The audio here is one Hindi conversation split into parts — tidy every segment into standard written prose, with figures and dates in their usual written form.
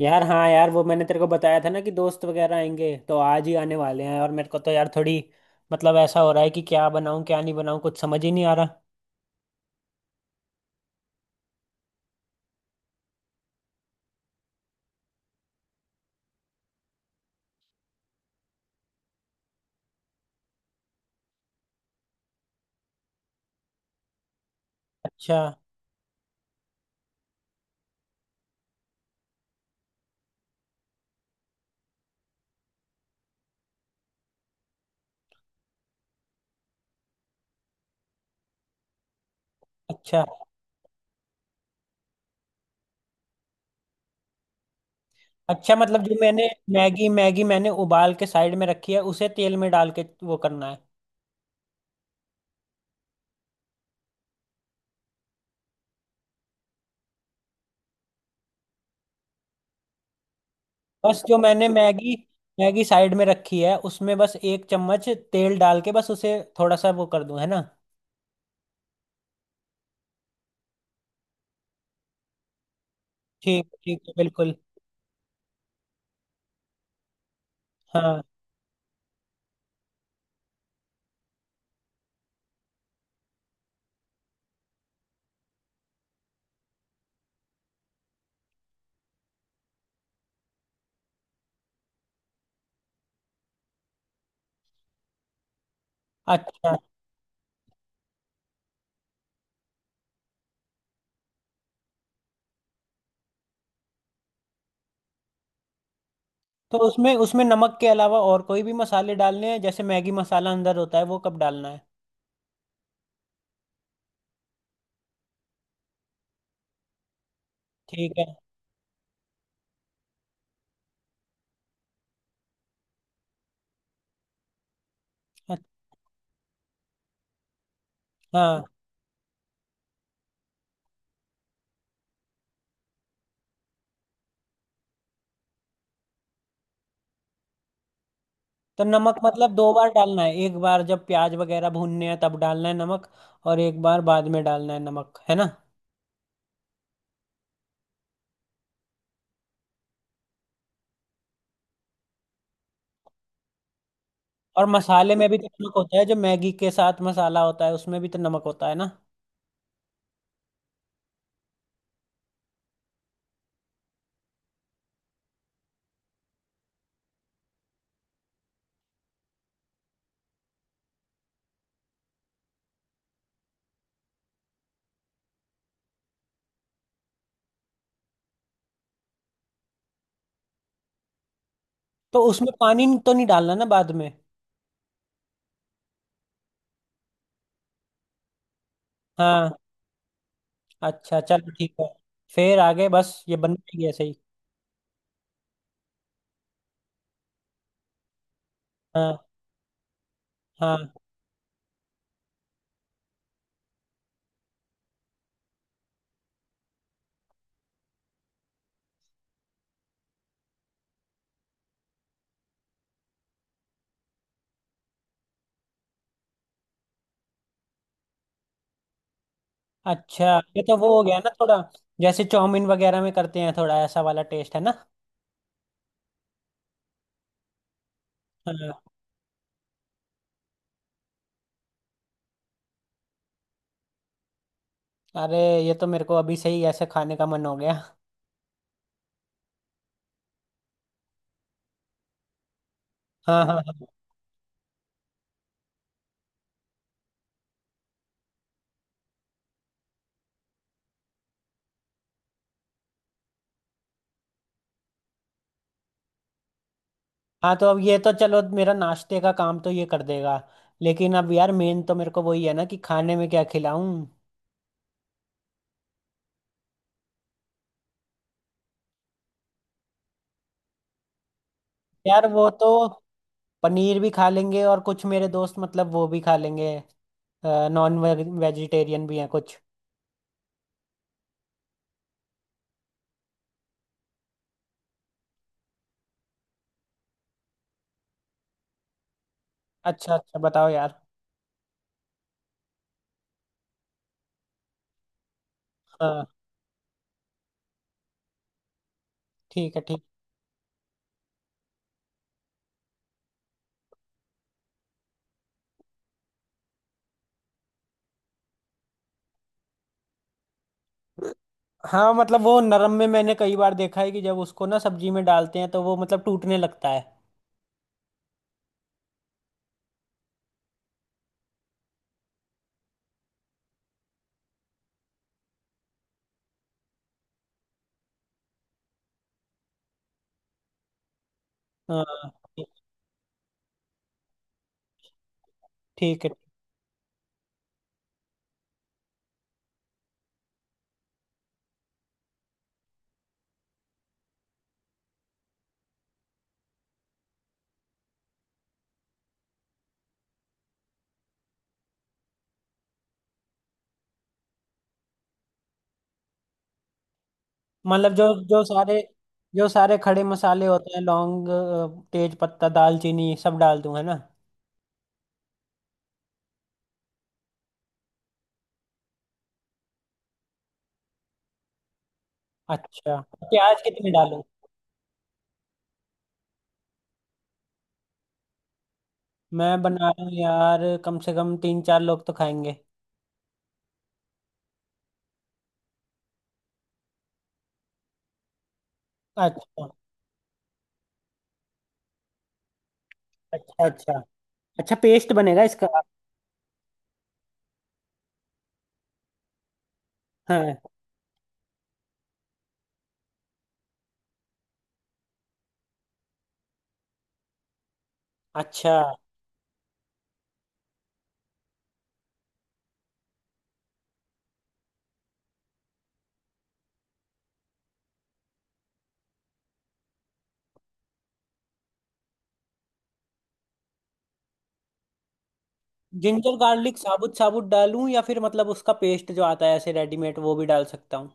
यार, हाँ यार, वो मैंने तेरे को बताया था ना कि दोस्त वगैरह आएंगे तो आज ही आने वाले हैं। और मेरे को तो यार थोड़ी, मतलब ऐसा हो रहा है कि क्या बनाऊं क्या नहीं बनाऊं, कुछ समझ ही नहीं आ रहा। अच्छा। अच्छा। अच्छा, मतलब जो मैंने मैगी मैगी मैंने उबाल के साइड में रखी है, उसे तेल में डाल के वो करना है? बस जो मैंने मैगी मैगी साइड में रखी है, उसमें बस एक चम्मच तेल डाल के बस उसे थोड़ा सा वो कर दूं, है ना? ठीक ठीक है, बिल्कुल। हाँ। अच्छा, तो उसमें उसमें नमक के अलावा और कोई भी मसाले डालने हैं? जैसे मैगी मसाला अंदर होता है वो कब डालना है? ठीक है। अच्छा। हाँ। तो नमक मतलब दो बार डालना है, एक बार जब प्याज वगैरह भूनने हैं तब डालना है नमक, और एक बार बाद में डालना है नमक, है ना? और मसाले में भी तो नमक होता है, जो मैगी के साथ मसाला होता है उसमें भी तो नमक होता है ना? तो उसमें पानी तो नहीं डालना ना बाद में? हाँ। अच्छा चलो, ठीक है। फिर आगे? बस ये बन गई ऐसे ही? हाँ, हाँ। अच्छा, ये तो वो हो गया ना थोड़ा, जैसे चाउमीन वगैरह में करते हैं, थोड़ा ऐसा वाला टेस्ट है ना? हाँ। अरे, ये तो मेरे को अभी से ही ऐसे खाने का मन हो गया। हाँ, हाँ, हाँ, हाँ। तो अब ये तो चलो, मेरा नाश्ते का काम तो ये कर देगा। लेकिन अब यार मेन तो मेरे को वही है ना कि खाने में क्या खिलाऊं। यार वो तो पनीर भी खा लेंगे, और कुछ मेरे दोस्त मतलब वो भी खा लेंगे, नॉन वेजिटेरियन भी हैं कुछ। अच्छा, अच्छा, बताओ यार। हाँ। ठीक है, ठीक। हाँ, मतलब वो नरम में मैंने कई बार देखा है कि जब उसको ना सब्जी में डालते हैं तो वो मतलब टूटने लगता है। हाँ। ठीक है। मतलब जो जो सारे खड़े मसाले होते हैं, लौंग, तेज पत्ता, दालचीनी, सब डाल दूं है ना? अच्छा। प्याज कितने डालूं? मैं बना रहा हूँ यार, कम से कम तीन चार लोग तो खाएंगे। अच्छा, अच्छा। अच्छा, अच्छा, पेस्ट बनेगा इसका? हाँ। अच्छा। जिंजर गार्लिक साबुत साबुत डालूं या फिर मतलब उसका पेस्ट जो आता है ऐसे रेडीमेड वो भी डाल सकता हूँ?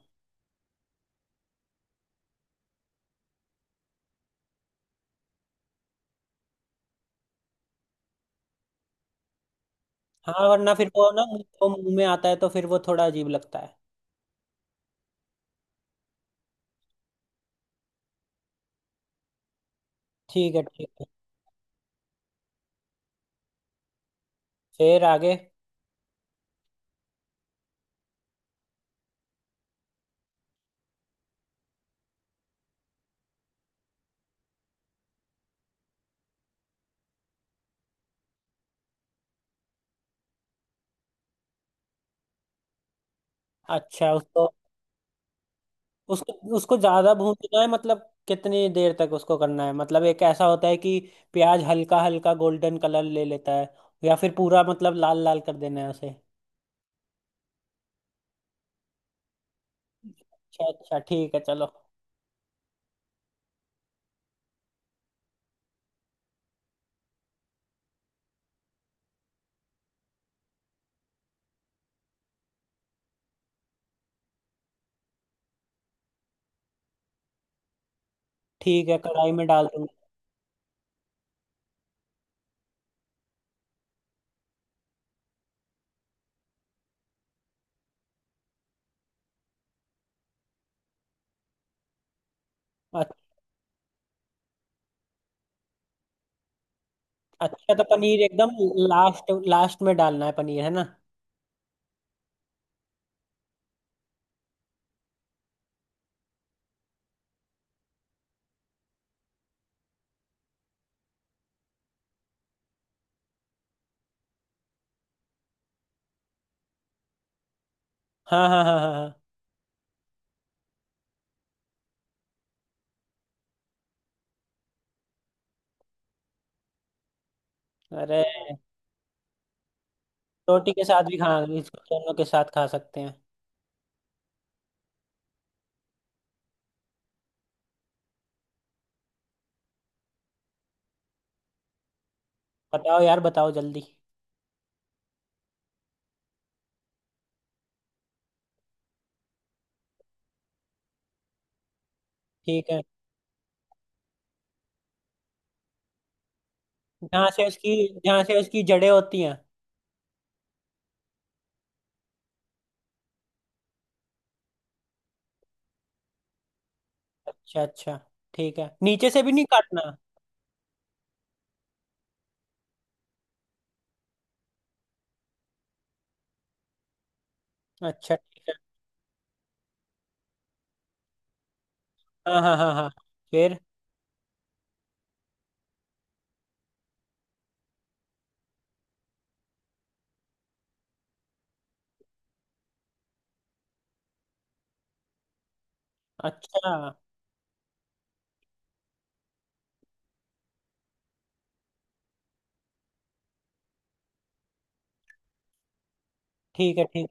हाँ, वरना फिर वो ना मुंह, वो मुंह में आता है तो फिर वो थोड़ा अजीब लगता है। ठीक है, ठीक है। फिर आगे? अच्छा, उसको उसको उसको ज्यादा भूनना है मतलब कितनी देर तक उसको करना है? मतलब एक ऐसा होता है कि प्याज हल्का हल्का गोल्डन कलर ले लेता है, या फिर पूरा मतलब लाल लाल कर देना है उसे? अच्छा, अच्छा, ठीक है चलो। ठीक है, कढ़ाई में डाल दूंगा। अच- अच्छा, तो पनीर एकदम लास्ट लास्ट में डालना है पनीर, है ना? हाँ, हाँ, हाँ, हाँ। हाँ, अरे, रोटी के साथ भी खा, इसको दोनों के साथ खा सकते हैं। बताओ यार, बताओ जल्दी। ठीक है। जहाँ से उसकी जड़ें होती हैं? अच्छा, अच्छा। ठीक है, नीचे से भी नहीं काटना? अच्छा, ठीक है। हाँ, हाँ, हाँ, हाँ। फिर? अच्छा, ठीक है, ठीक।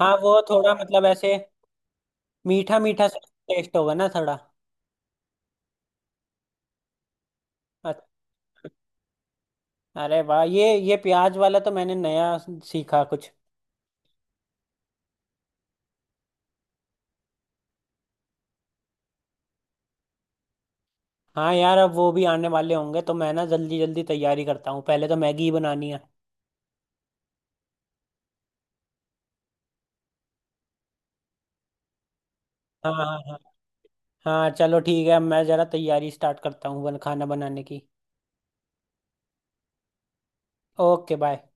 हाँ, वो थोड़ा मतलब ऐसे मीठा मीठा सा टेस्ट होगा ना थोड़ा? अच्छा। अरे वाह, ये प्याज वाला तो मैंने नया सीखा कुछ। हाँ यार, अब वो भी आने वाले होंगे तो मैं ना जल्दी जल्दी तैयारी करता हूँ, पहले तो मैगी ही बनानी है। हाँ, हाँ, हाँ। हाँ चलो, ठीक है, मैं ज़रा तैयारी स्टार्ट करता हूँ बन खाना बनाने की। Okay bye.